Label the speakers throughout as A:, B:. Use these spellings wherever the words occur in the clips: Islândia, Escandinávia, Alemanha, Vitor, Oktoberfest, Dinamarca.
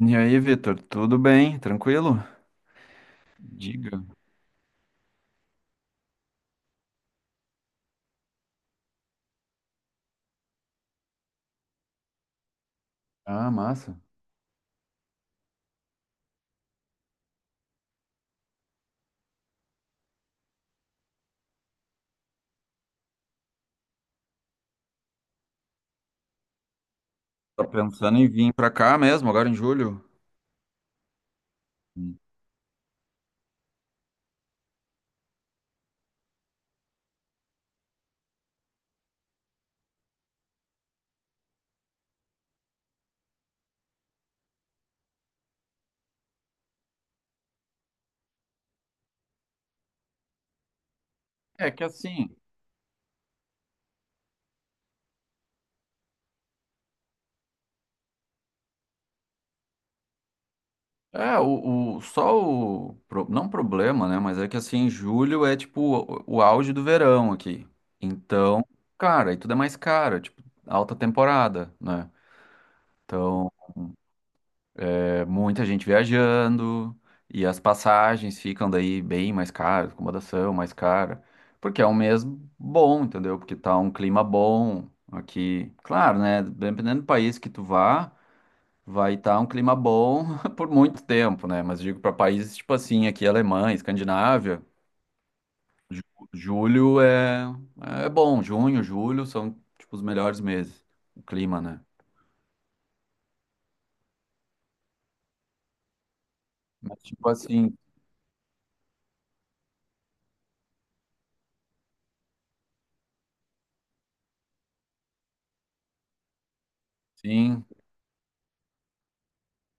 A: E aí, Vitor, tudo bem? Tranquilo? Diga. Ah, massa. Tá pensando em vir pra cá mesmo, agora em julho? Hum. É que assim, é só o não problema, né? Mas é que assim, julho é tipo o auge do verão aqui. Então, cara, e tudo é mais caro, tipo, alta temporada, né? Então. É muita gente viajando e as passagens ficam daí bem mais caras, acomodação mais cara, porque é um mês bom, entendeu? Porque tá um clima bom aqui. Claro, né? Dependendo do país que tu vá, vai estar um clima bom por muito tempo, né? Mas digo para países tipo assim, aqui Alemanha, Escandinávia, ju- julho é bom, junho, julho são tipo os melhores meses, o clima, né? Mas tipo assim, sim,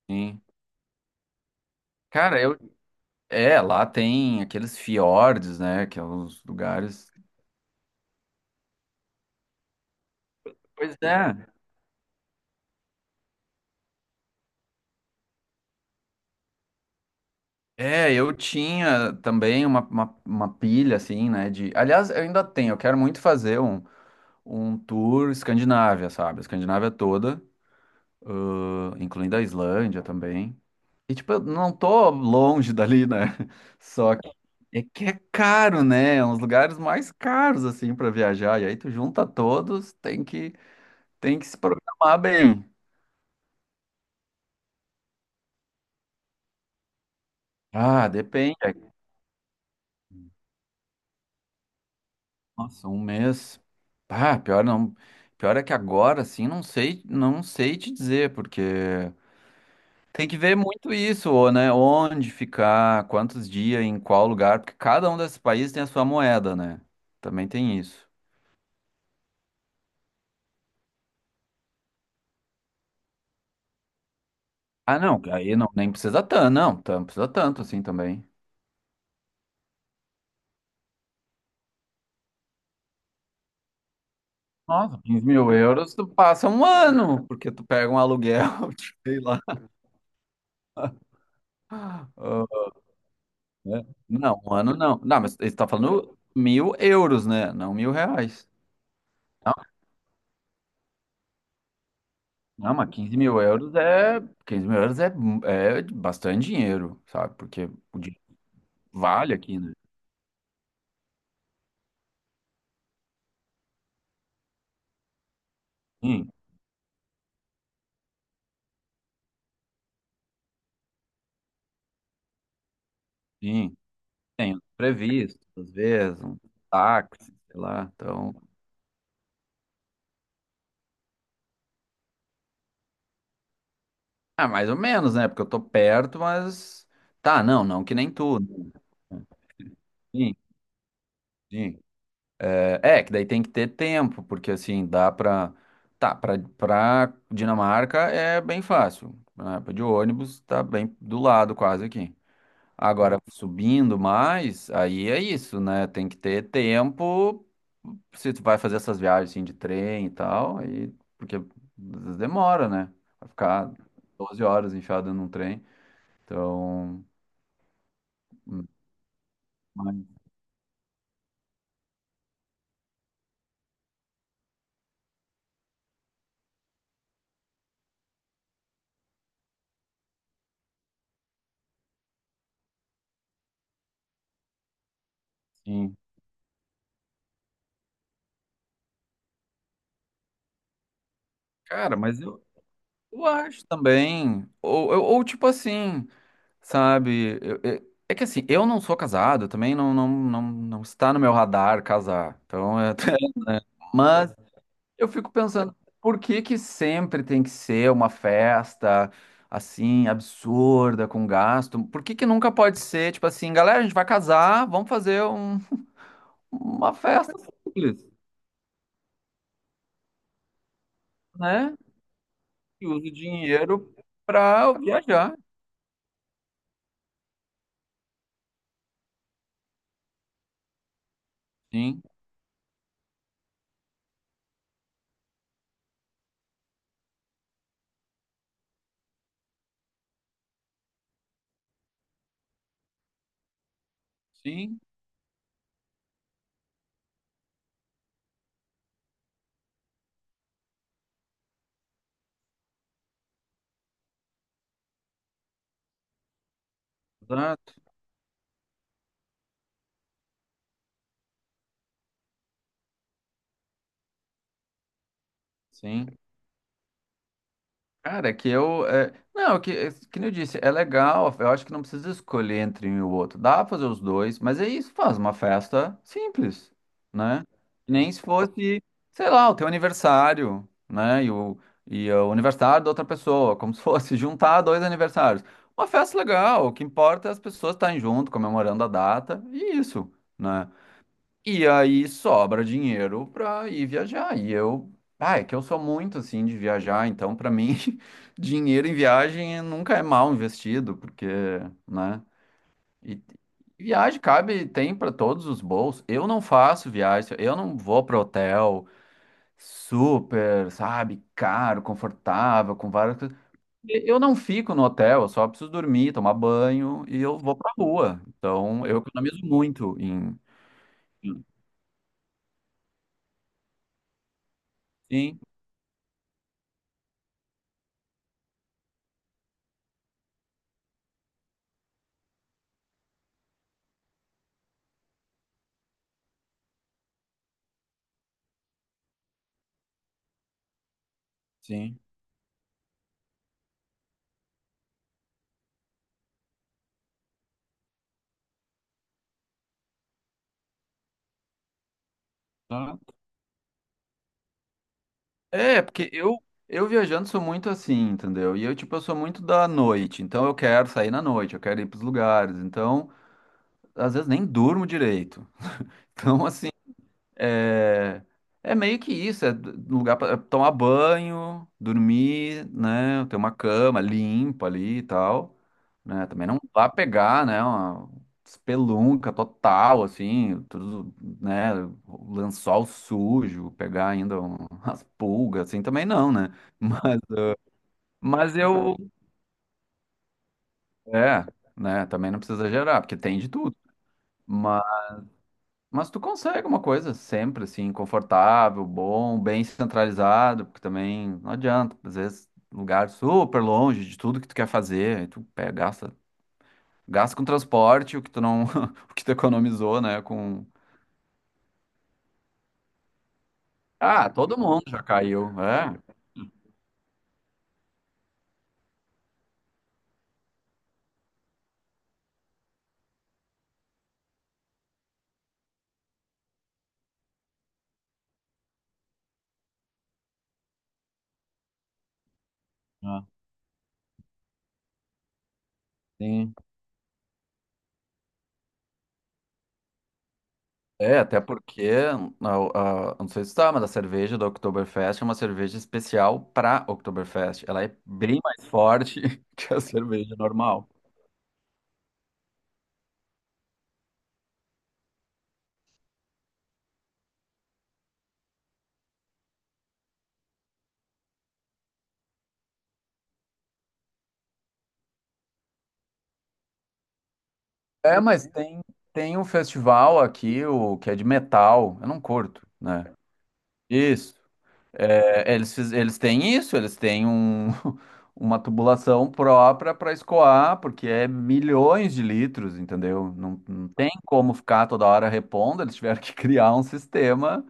A: sim. Cara, eu é, lá tem aqueles fiordes, né? Que é os lugares. Pois é. É, eu tinha também uma pilha, assim, né? De... Aliás, eu ainda tenho, eu quero muito fazer um tour Escandinávia, sabe? A Escandinávia toda, incluindo a Islândia também. E, tipo, eu não tô longe dali, né? Só que é caro, né? É um dos lugares mais caros, assim, pra viajar. E aí tu junta todos, tem que se programar bem. Ah, depende. Nossa, um mês. Ah, pior não. Pior é que agora, assim, não sei te dizer, porque tem que ver muito isso, ou né? Onde ficar, quantos dias, em qual lugar, porque cada um desses países tem a sua moeda, né? Também tem isso. Ah, não, aí não, nem precisa tanto, não, precisa tanto assim também. Nossa, 15 mil euros, tu passa um ano, porque tu pega um aluguel, de, sei lá. Ah, né? Não, um ano não. Não, mas ele tá falando mil euros, né? Não mil reais. Não, não, mas 15 mil euros é bastante dinheiro, sabe? Porque o dinheiro vale aqui, né? Sim, sim. Tem os previstos, às vezes, um táxi, sei lá. Então, mais ou menos, né? Porque eu tô perto, mas tá, não, não que nem tudo. Sim, sim. É, é, que daí tem que ter tempo, porque assim, dá pra. Tá, pra Dinamarca é bem fácil. Né? De ônibus tá bem do lado quase aqui. Agora, subindo mais, aí é isso, né? Tem que ter tempo se tu vai fazer essas viagens assim, de trem e tal, aí, porque às vezes demora, né? Vai ficar 12 horas enfiado num trem. Então, mas, sim. Cara, mas eu acho também. Tipo assim, sabe? É que assim, eu não sou casado, também não, não, não, não está no meu radar casar. Então, mas eu fico pensando, por que que sempre tem que ser uma festa assim, absurda, com gasto? Por que que nunca pode ser, tipo assim, galera, a gente vai casar, vamos fazer uma festa simples, né? E usa o dinheiro para viajar. Sim, sim, exato, sim. Cara, não, que nem eu disse, é legal. Eu acho que não precisa escolher entre um e o outro. Dá pra fazer os dois, mas é isso, faz uma festa simples, né? Nem se fosse, sei lá, o teu aniversário, né? E o aniversário da outra pessoa, como se fosse juntar dois aniversários. Uma festa legal, o que importa é as pessoas estarem junto, comemorando a data, e isso, né? E aí sobra dinheiro pra ir viajar. É que eu sou muito assim de viajar, então pra mim dinheiro em viagem nunca é mal investido, porque, né? E e viagem cabe, tem pra todos os bolsos. Eu não faço viagem, eu não vou para hotel super, sabe, caro, confortável, com várias coisas. E eu não fico no hotel, eu só preciso dormir, tomar banho e eu vou pra rua. Então, eu economizo muito em. Sim, sim. Tá. É, porque eu viajando sou muito assim, entendeu? Tipo, eu sou muito da noite, então eu quero sair na noite, eu quero ir pros lugares, então às vezes nem durmo direito. Então, assim. É, é meio que isso, é lugar para tomar banho, dormir, né? Ter uma cama limpa ali e tal, né? Também não vá pegar, né? Uma espelunca total, assim, tudo, né? Lençol sujo, pegar ainda umas pulgas, assim, também não, né? Mas, mas eu, é, né? Também não precisa exagerar, porque tem de tudo. Mas tu consegue uma coisa sempre, assim, confortável, bom, bem centralizado, porque também não adianta, às vezes, lugar super longe de tudo que tu quer fazer, aí tu pega, gasta, com transporte, o que tu não, o que tu economizou, né, com... Ah, todo mundo já caiu, é. Ah, sim. É, até porque, não sei se tá, mas a cerveja da Oktoberfest é uma cerveja especial para Oktoberfest. Ela é bem mais forte que a cerveja normal. É, mas tem um festival aqui, o que é de metal. Eu não curto, né? Isso. É, eles, eles têm isso, eles têm uma tubulação própria para escoar, porque é milhões de litros, entendeu? Não, não tem como ficar toda hora repondo, eles tiveram que criar um sistema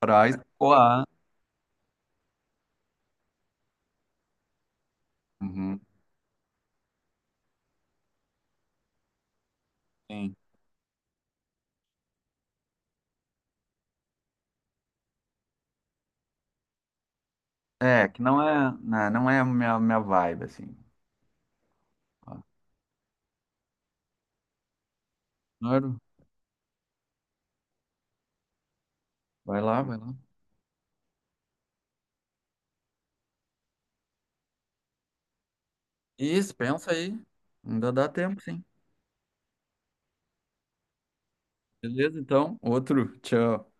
A: para escoar. Uhum, sim. É, que não é, né, não é a minha vibe, assim. Ó, claro, vai lá, vai lá. Isso, pensa aí. Ainda dá tempo, sim. Beleza, então. Outro. Tchau.